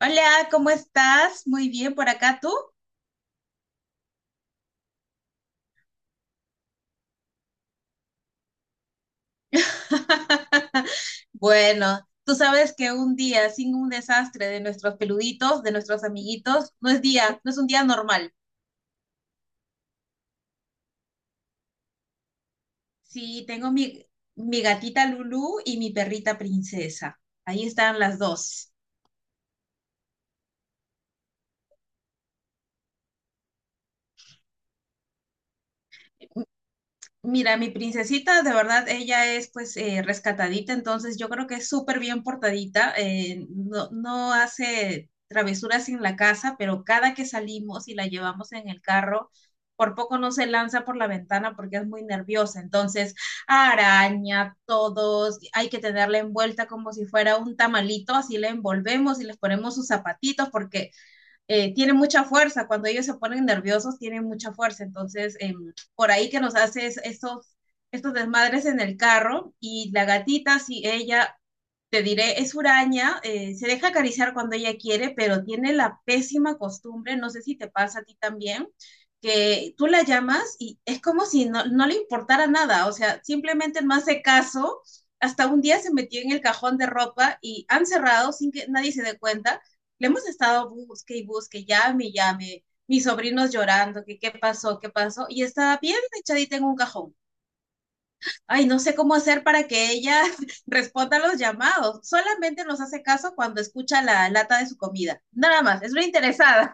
Hola, ¿cómo estás? Muy bien por acá, ¿tú? Bueno, tú sabes que un día sin un desastre de nuestros peluditos, de nuestros amiguitos, no es día, no es un día normal. Sí, tengo mi gatita Lulú y mi perrita princesa. Ahí están las dos. Mira, mi princesita, de verdad, ella es pues rescatadita, entonces yo creo que es súper bien portadita, no hace travesuras en la casa, pero cada que salimos y la llevamos en el carro, por poco no se lanza por la ventana porque es muy nerviosa, entonces araña todos, hay que tenerla envuelta como si fuera un tamalito, así la envolvemos y les ponemos sus zapatitos porque tienen mucha fuerza, cuando ellos se ponen nerviosos tienen mucha fuerza, entonces por ahí que nos hace estos desmadres en el carro y la gatita, si ella, te diré, es huraña, se deja acariciar cuando ella quiere, pero tiene la pésima costumbre, no sé si te pasa a ti también, que tú la llamas y es como si no le importara nada, o sea, simplemente no hace caso. Hasta un día se metió en el cajón de ropa y han cerrado sin que nadie se dé cuenta, le hemos estado busque y busque, llame y llame, mis sobrinos llorando, que qué pasó, y está bien echadita en un cajón. Ay, no sé cómo hacer para que ella responda a los llamados. Solamente nos hace caso cuando escucha la lata de su comida. Nada más, es una interesada.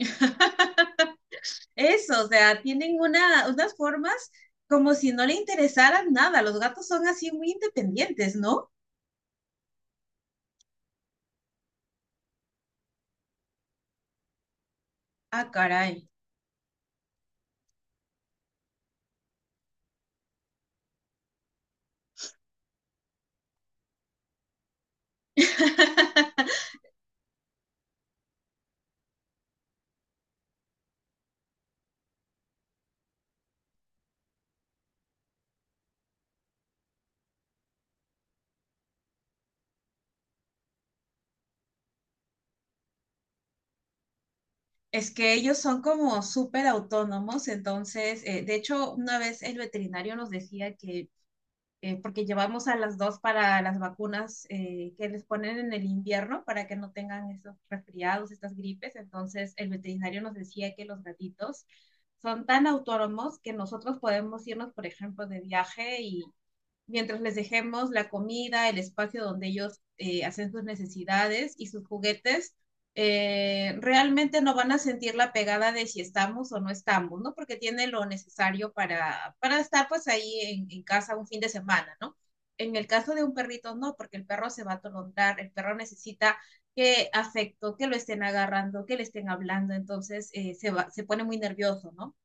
Eso, o sea, tienen unas formas como si no le interesaran nada. Los gatos son así muy independientes, ¿no? Ah, caray. Es que ellos son como súper autónomos, entonces, de hecho, una vez el veterinario nos decía porque llevamos a las dos para las vacunas que les ponen en el invierno para que no tengan esos resfriados, estas gripes, entonces el veterinario nos decía que los gatitos son tan autónomos que nosotros podemos irnos, por ejemplo, de viaje y mientras les dejemos la comida, el espacio donde ellos hacen sus necesidades y sus juguetes, realmente no van a sentir la pegada de si estamos o no estamos, ¿no? Porque tiene lo necesario para estar pues ahí en casa un fin de semana, ¿no? En el caso de un perrito, no, porque el perro se va a atolondrar, el perro necesita que afecto, que lo estén agarrando, que le estén hablando, entonces va, se pone muy nervioso, ¿no?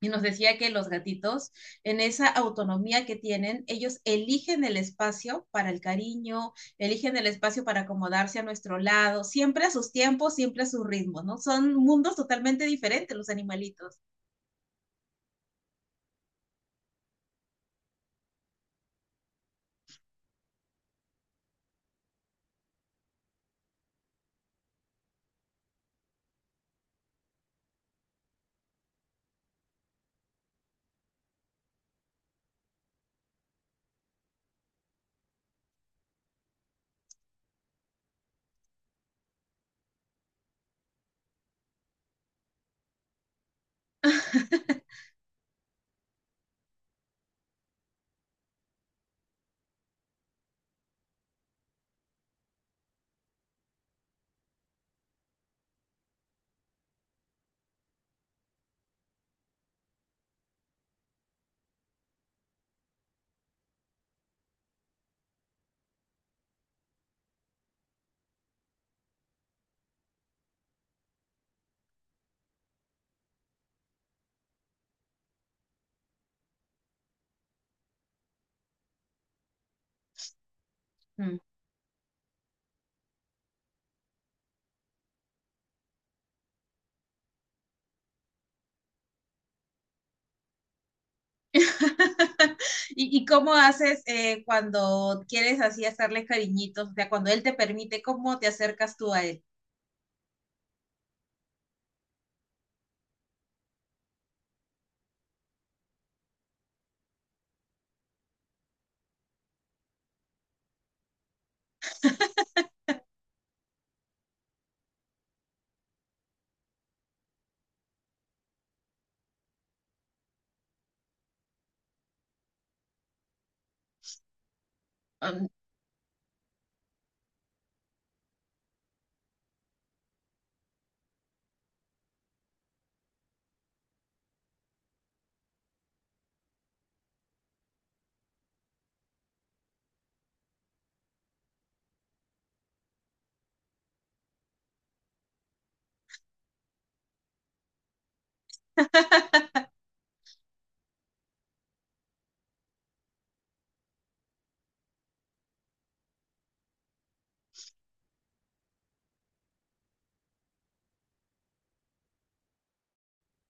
Y nos decía que los gatitos, en esa autonomía que tienen, ellos eligen el espacio para el cariño, eligen el espacio para acomodarse a nuestro lado, siempre a sus tiempos, siempre a sus ritmos, ¿no? Son mundos totalmente diferentes los animalitos. Mm. ¿Y cómo haces cuando quieres así hacerle cariñitos? O sea, cuando él te permite, ¿cómo te acercas tú a él? Um,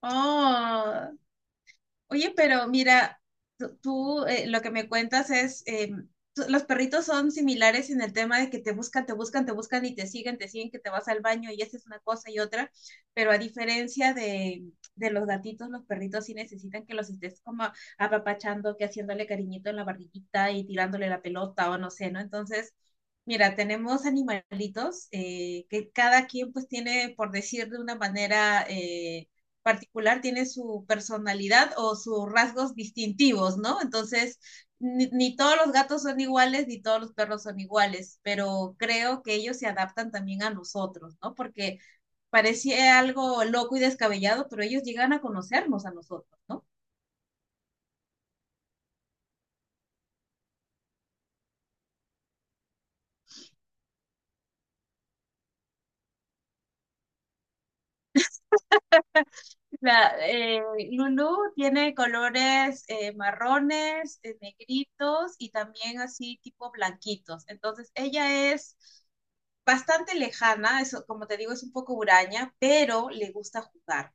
oh, Oye, pero mira, tú, lo que me cuentas es, los perritos son similares en el tema de que te te buscan y te te siguen, que te vas al baño y haces una cosa y otra, pero a diferencia de los gatitos, los perritos sí necesitan que los estés como apapachando, que haciéndole cariñito en la barriguita y tirándole la pelota o no sé, ¿no? Entonces, mira, tenemos animalitos que cada quien pues tiene, por decir de una manera... particular tiene su personalidad o sus rasgos distintivos, ¿no? Entonces, ni, ni, todos los gatos son iguales, ni todos los perros son iguales, pero creo que ellos se adaptan también a nosotros, ¿no? Porque parecía algo loco y descabellado, pero ellos llegan a conocernos a nosotros, ¿no? La, eh, Lulu tiene colores marrones, negritos y también así tipo blanquitos. Entonces, ella es bastante lejana, eso, como te digo, es un poco huraña, pero le gusta jugar.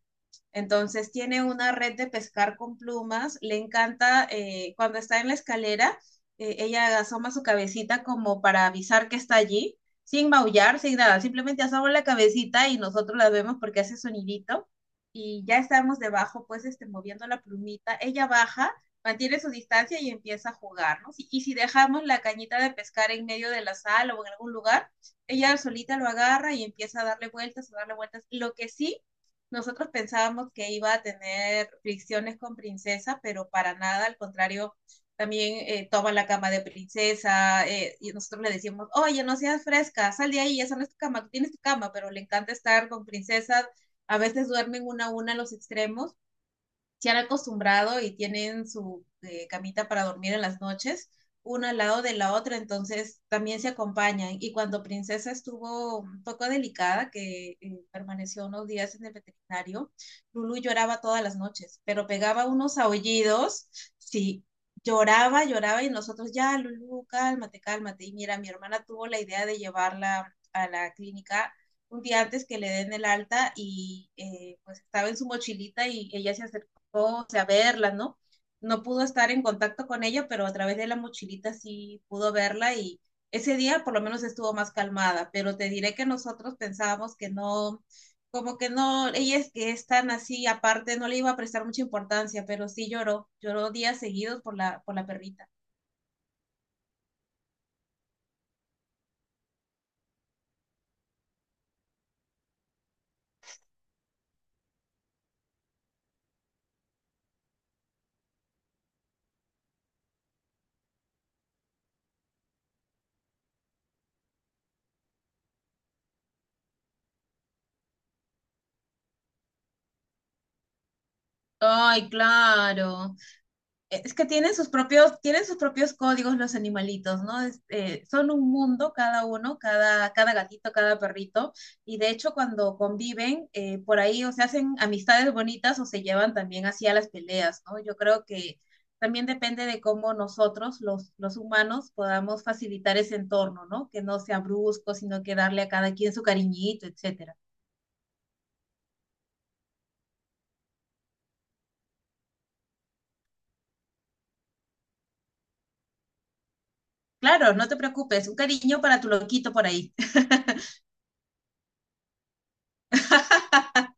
Entonces tiene una red de pescar con plumas, le encanta cuando está en la escalera, ella asoma su cabecita como para avisar que está allí, sin maullar, sin nada, simplemente asoma la cabecita y nosotros la vemos porque hace sonidito y ya estamos debajo, pues este, moviendo la plumita, ella baja, mantiene su distancia y empieza a jugar, ¿no? Si, y si dejamos la cañita de pescar en medio de la sala o en algún lugar, ella solita lo agarra y empieza a darle vueltas, a darle vueltas. Lo que sí nosotros pensábamos que iba a tener fricciones con Princesa, pero para nada, al contrario, también toma la cama de Princesa y nosotros le decimos, oye, no seas fresca, sal de ahí, esa no es tu cama, tú tienes tu cama, pero le encanta estar con Princesa, a veces duermen una a una en los extremos, se han acostumbrado y tienen su camita para dormir en las noches, una al lado de la otra, entonces también se acompañan. Y cuando Princesa estuvo un poco delicada, que permaneció unos días en el veterinario, Lulu lloraba todas las noches, pero pegaba unos aullidos, sí, lloraba, lloraba y nosotros ya, Lulu, cálmate, cálmate. Y mira, mi hermana tuvo la idea de llevarla a la clínica un día antes que le den el alta y pues estaba en su mochilita y ella se acercó, o sea, verla, ¿no? No pudo estar en contacto con ella, pero a través de la mochilita sí pudo verla, y ese día por lo menos estuvo más calmada, pero te diré que nosotros pensábamos que no, como que no, ella es que es tan así, aparte no le iba a prestar mucha importancia, pero sí lloró, lloró días seguidos por por la perrita. Ay, claro. Eh, es que tienen sus tienen sus propios códigos los animalitos, ¿no? Son un mundo cada uno, cada gatito, cada perrito, y de hecho cuando conviven por ahí o se hacen amistades bonitas o se llevan también hacia las peleas, ¿no? Yo creo que también depende de cómo los humanos, podamos facilitar ese entorno, ¿no? Que no sea brusco, sino que darle a cada quien su cariñito, etcétera. Claro, no te preocupes, un cariño para tu loquito por ahí.